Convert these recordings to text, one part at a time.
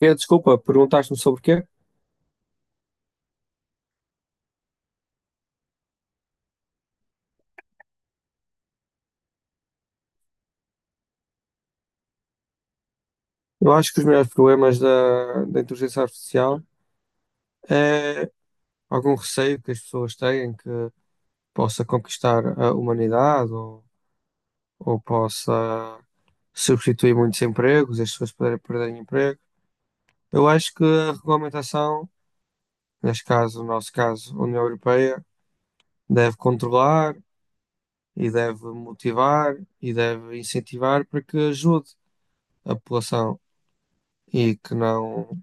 Desculpa, perguntaste-me sobre o quê? Eu acho que os melhores problemas da inteligência artificial é algum receio que as pessoas têm que possa conquistar a humanidade ou possa substituir muitos empregos, as pessoas poderem perderem emprego. Eu acho que a regulamentação, neste caso, no nosso caso, a União Europeia, deve controlar e deve motivar e deve incentivar para que ajude a população e que não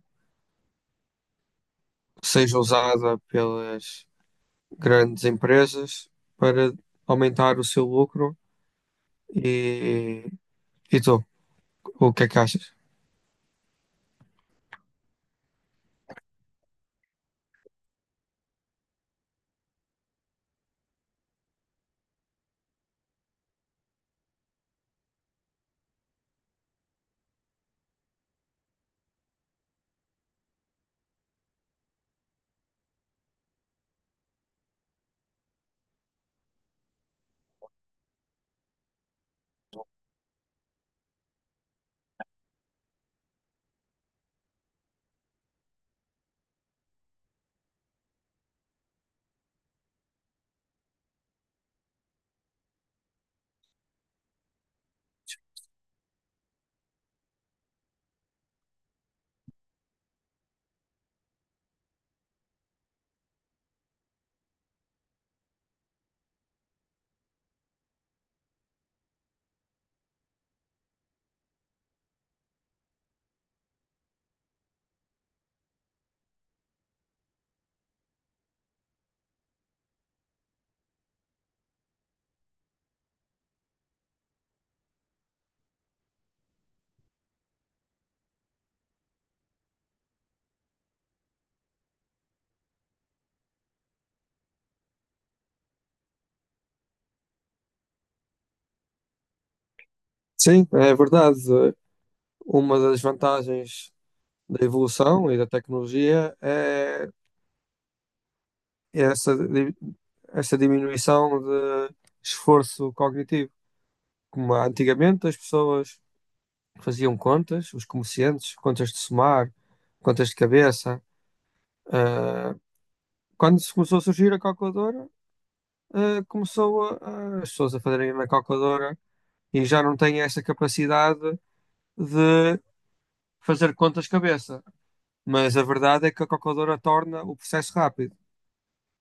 seja usada pelas grandes empresas para aumentar o seu lucro e, e tu, o que é que achas? Sim, é verdade. Uma das vantagens da evolução e da tecnologia é essa, di- essa diminuição de esforço cognitivo. Como antigamente as pessoas faziam contas, os comerciantes, contas de somar, contas de cabeça. Ah, quando se começou a surgir a calculadora, começou as pessoas a fazerem na calculadora e já não têm essa capacidade de fazer contas de cabeça. Mas a verdade é que a calculadora torna o processo rápido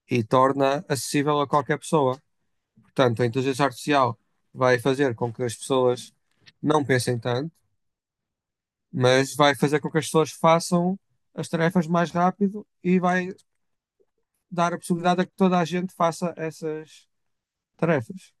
e torna acessível a qualquer pessoa. Portanto, a inteligência artificial vai fazer com que as pessoas não pensem tanto, mas vai fazer com que as pessoas façam as tarefas mais rápido e vai dar a possibilidade a que toda a gente faça essas tarefas.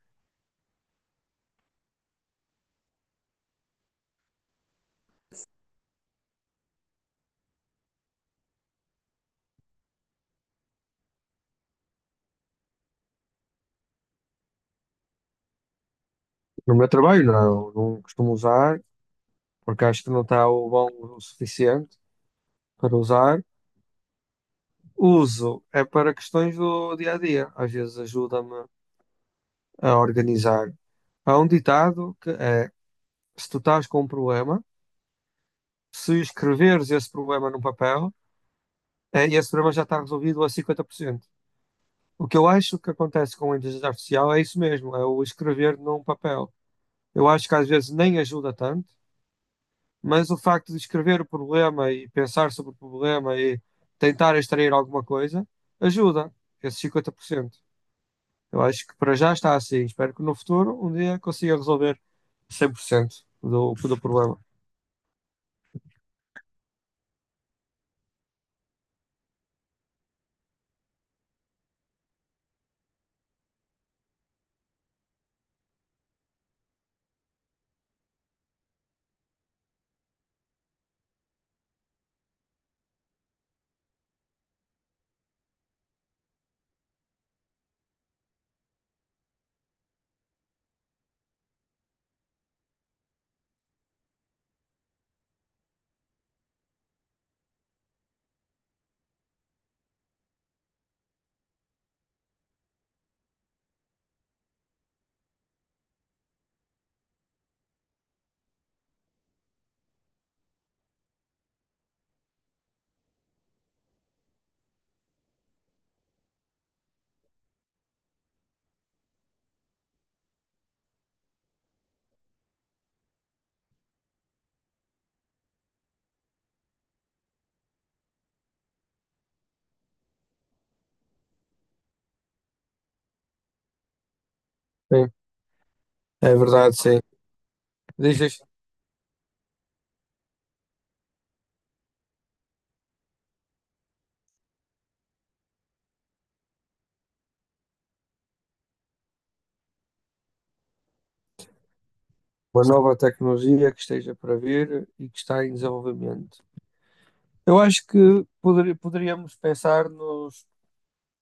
No meu trabalho, não, não costumo usar, porque acho que não está o bom o suficiente para usar. Uso é para questões do dia a dia, às vezes ajuda-me a organizar. Há um ditado que é: se tu estás com um problema, se escreveres esse problema num papel, é, esse problema já está resolvido a 50%. O que eu acho que acontece com a inteligência artificial é isso mesmo, é o escrever num papel. Eu acho que às vezes nem ajuda tanto, mas o facto de escrever o problema e pensar sobre o problema e tentar extrair alguma coisa ajuda esses cinquenta por cento. Eu acho que para já está assim. Espero que no futuro um dia consiga resolver 100% do problema. Sim, é verdade, sim. Dizes uma nova tecnologia que esteja para vir e que está em desenvolvimento. Eu acho que poderíamos pensar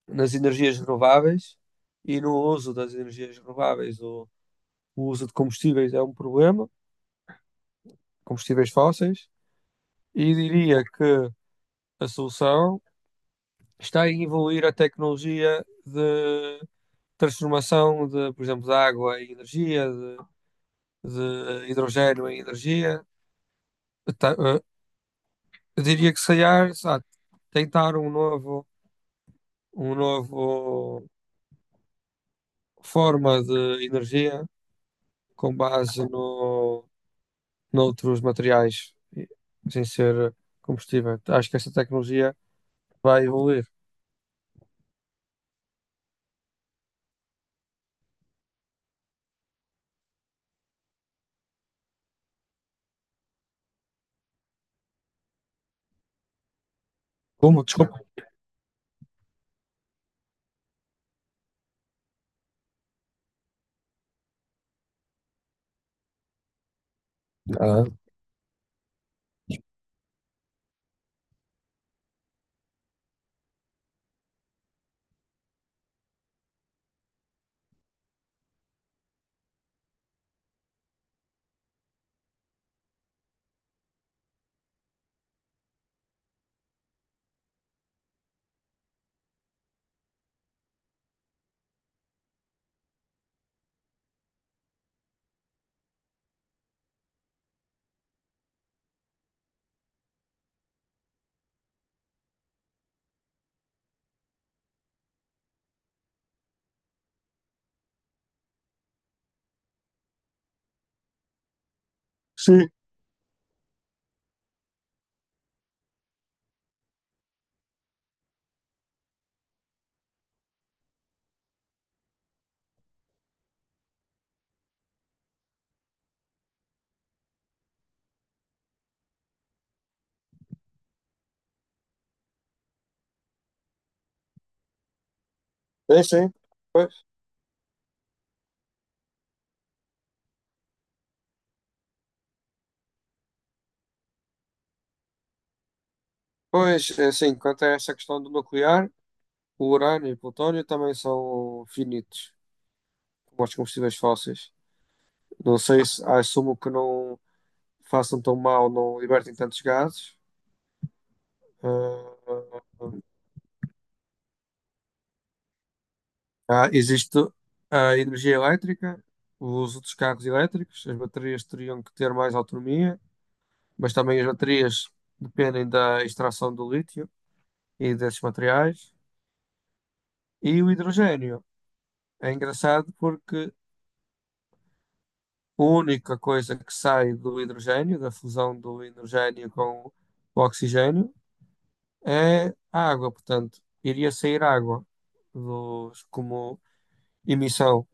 nas energias renováveis e no uso das energias renováveis. O uso de combustíveis é um problema, combustíveis fósseis e diria que a solução está em evoluir a tecnologia de transformação de, por exemplo, de água em energia, de hidrogênio em energia. eh, Eu diria que se calhar tentar um novo forma de energia com base noutros materiais sem ser combustível. Acho que essa tecnologia vai evoluir. Como? Desculpa. Ah, sim, é sim. Pois, pois, é assim, quanto a essa questão do nuclear, o urânio e o plutônio também são finitos, como os combustíveis fósseis. Não sei se assumo que não façam tão mal, não libertem tantos gases. Ah, Existe a energia elétrica, os outros carros elétricos, as baterias teriam que ter mais autonomia, mas também as baterias dependem da extração do lítio e desses materiais. E o hidrogênio. É engraçado porque a única coisa que sai do hidrogênio, da fusão do hidrogênio com o oxigênio, é a água. Portanto, iria sair água dos, como emissão,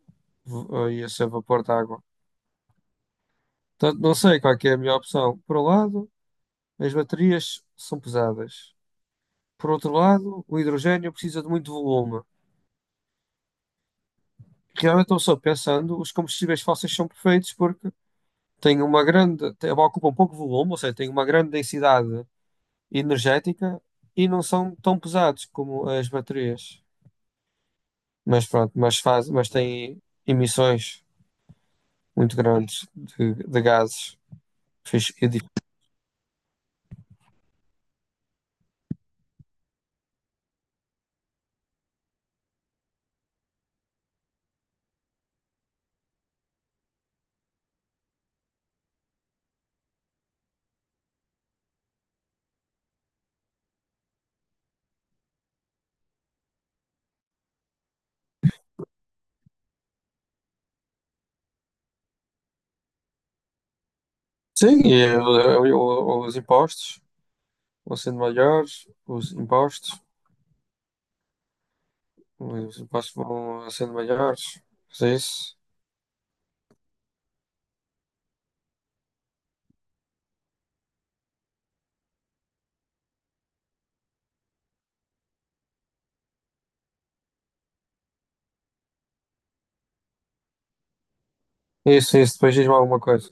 ia ser vapor de água. Portanto, não sei qual é que é a melhor opção. Por um lado, as baterias são pesadas. Por outro lado, o hidrogênio precisa de muito volume. Realmente, eu estou só pensando, os combustíveis fósseis são perfeitos porque têm uma grande, ocupam pouco volume, ou seja, têm uma grande densidade energética e não são tão pesados como as baterias. Mas pronto, mas faz, mas têm emissões muito grandes de gases. Fiz- e di- Sim, os impostos vão sendo maiores, os impostos vão sendo maiores. Mas é isso. É isso, é isso. Depois diz-me alguma coisa.